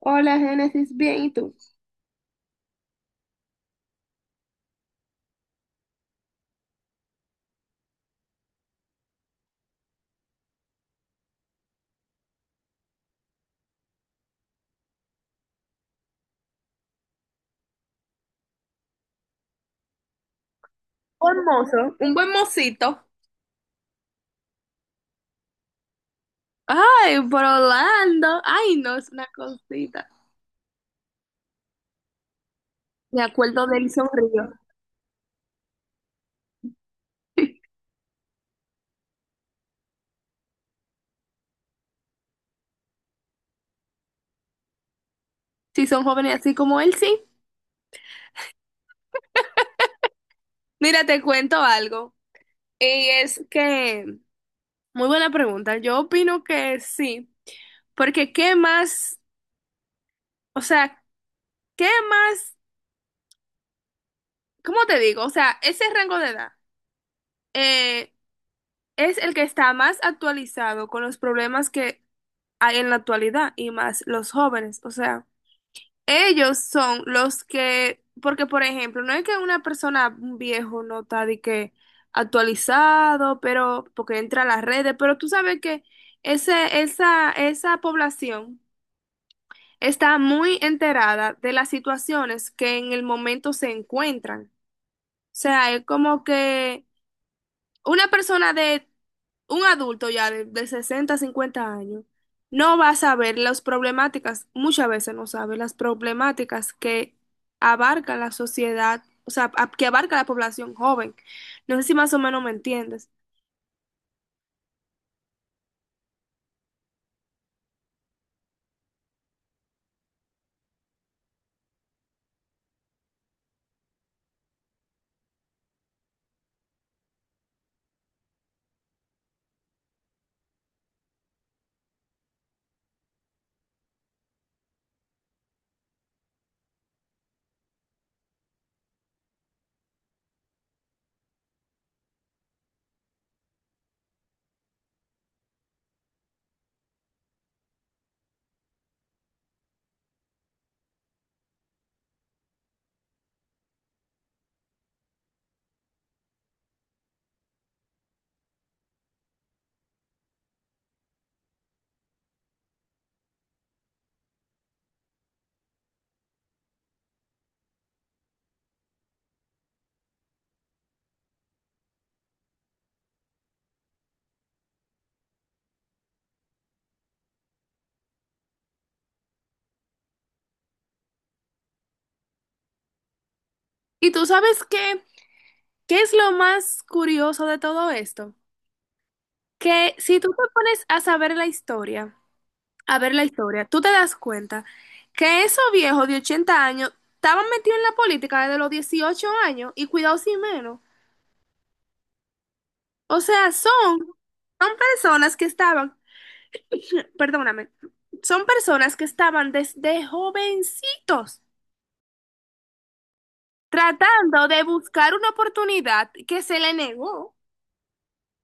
Hola, Génesis, bien, ¿y tú? Un mozo, un buen mocito. Ay, por Orlando. Ay, no, es una cosita. Me acuerdo de él sonrío. Si son jóvenes así como él, sí. Mira, te cuento algo. Y es que, Muy buena pregunta. Yo opino que sí. Porque qué más, o sea, qué más, ¿cómo te digo? O sea, ese rango de edad eh, es el que está más actualizado con los problemas que hay en la actualidad y más los jóvenes. O sea. Ellos son los que, porque por ejemplo, no es que una persona, un viejo, no está de que actualizado, pero porque entra a las redes, pero tú sabes que esa población está muy enterada de las situaciones que en el momento se encuentran. O sea, es como que una persona de un adulto ya de 60 50 años no va a saber las problemáticas, muchas veces no sabe las problemáticas que abarca la sociedad, o sea, que abarca la población joven. No sé si más o menos me entiendes. ¿Y tú sabes qué, qué es lo más curioso de todo esto? Que si tú te pones a saber la historia, a ver la historia, tú te das cuenta que esos viejos de 80 años estaban metidos en la política desde los 18 años y cuidado sin menos. O sea, son personas que estaban, perdóname, son personas que estaban desde jovencitos tratando de buscar una oportunidad que se le negó.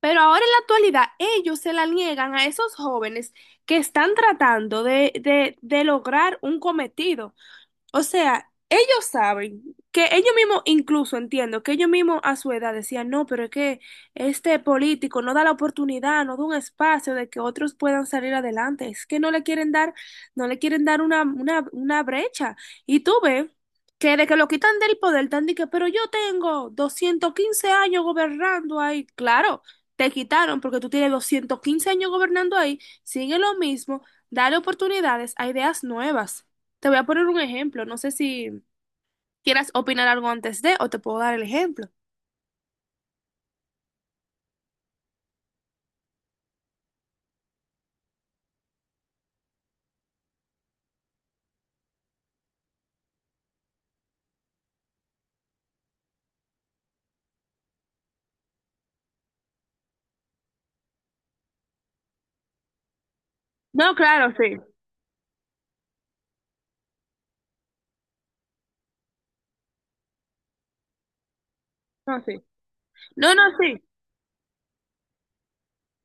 Pero ahora en la actualidad ellos se la niegan a esos jóvenes que están tratando de lograr un cometido. O sea, ellos saben que ellos mismos, incluso entiendo, que ellos mismos a su edad decían, no, pero es que este político no da la oportunidad, no da un espacio de que otros puedan salir adelante. Es que no le quieren dar, no le quieren dar una brecha. Y tú ves que de que lo quitan del poder, están de que, pero yo tengo 215 años gobernando ahí. Claro, te quitaron porque tú tienes 215 años gobernando ahí. Sigue lo mismo, dale oportunidades a ideas nuevas. Te voy a poner un ejemplo. No sé si quieras opinar algo antes de o te puedo dar el ejemplo. No, claro, sí. No, sí. No, no, sí.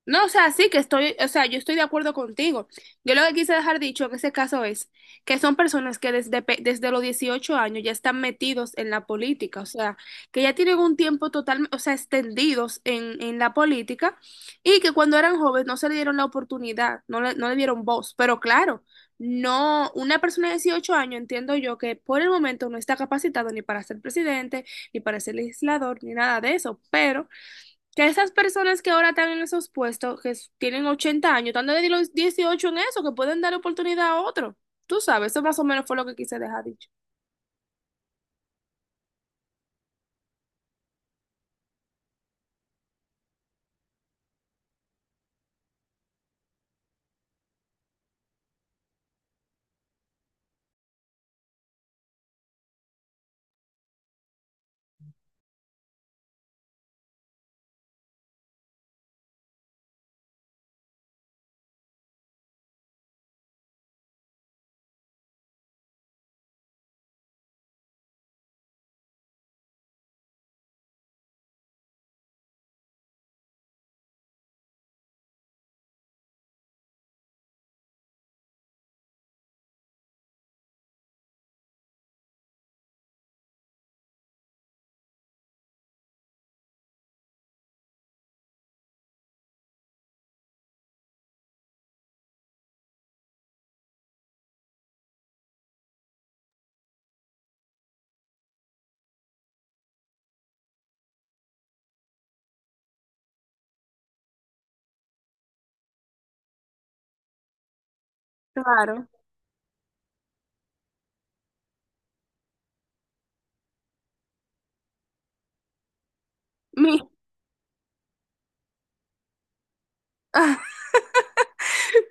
No, o sea, sí que estoy, o sea, yo estoy de acuerdo contigo. Yo lo que quise dejar dicho en ese caso es que son personas que desde, desde los 18 años ya están metidos en la política, o sea, que ya tienen un tiempo total, o sea, extendidos en la política y que cuando eran jóvenes no se le dieron la oportunidad, no le dieron voz. Pero claro, no, una persona de 18 años entiendo yo que por el momento no está capacitado ni para ser presidente, ni para ser legislador, ni nada de eso, pero que esas personas que ahora están en esos puestos, que tienen 80 años, están desde los 18 en eso, que pueden dar oportunidad a otro. Tú sabes, eso más o menos fue lo que quise dejar dicho. Claro. Mi-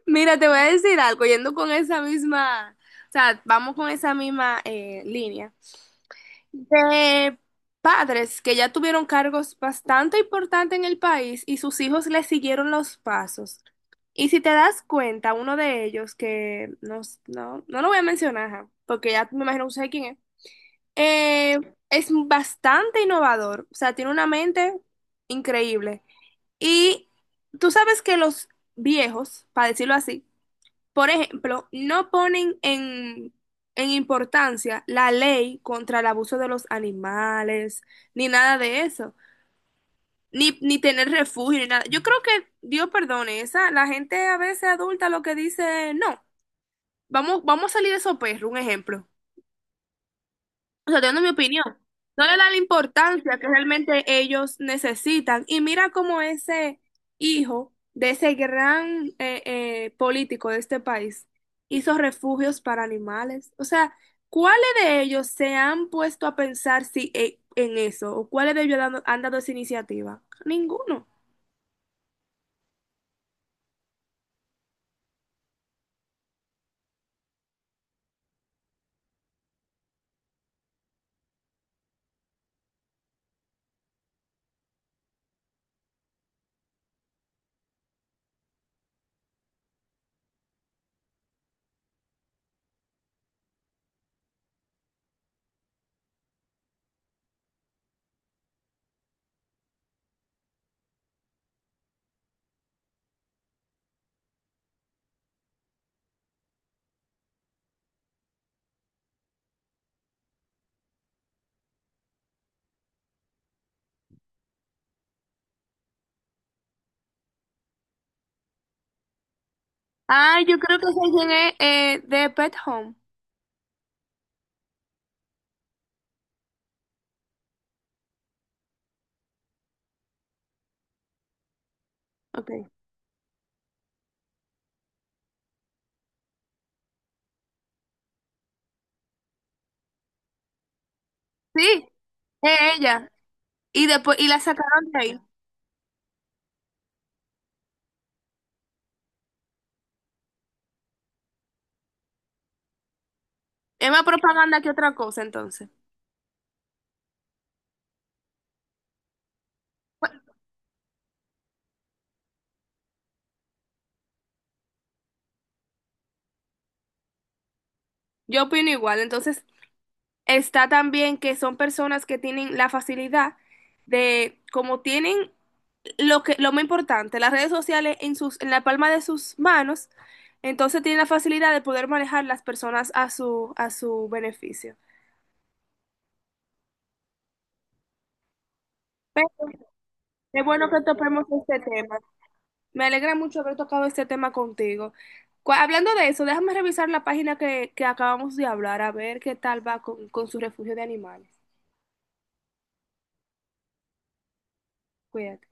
Mira, te voy a decir algo, yendo con esa misma, o sea, vamos con esa misma línea. De padres que ya tuvieron cargos bastante importantes en el país y sus hijos le siguieron los pasos. Y si te das cuenta, uno de ellos, que no lo voy a mencionar, ajá, porque ya me imagino que sabes quién eh, es bastante innovador, o sea, tiene una mente increíble. Y tú sabes que los viejos, para decirlo así, por ejemplo, no ponen en importancia la ley contra el abuso de los animales, ni nada de eso, ni tener refugio, ni nada. Yo creo que, Dios perdone, esa, la gente a veces adulta lo que dice, no, vamos a salir de esos perros, un ejemplo. O sea, dando mi opinión, no le da la importancia que realmente ellos necesitan. Y mira cómo ese hijo de ese gran político de este país hizo refugios para animales. O sea, ¿cuáles de ellos se han puesto a pensar si, en eso? ¿O cuáles de ellos han dado esa iniciativa? Ninguno. Ah, yo creo que sé quién es de Pet Home. Okay. Sí, es ella. Y después, y la sacaron de ahí. Es más propaganda que otra cosa, entonces. Yo opino igual. Entonces, está también que son personas que tienen la facilidad de, como tienen lo que, lo más importante, las redes sociales en la palma de sus manos, entonces tienen la facilidad de poder manejar las personas a su beneficio. Pero qué bueno que topemos este tema. Me alegra mucho haber tocado este tema contigo. Hablando de eso, déjame revisar la página que acabamos de hablar, a ver qué tal va con su refugio de animales. Cuídate.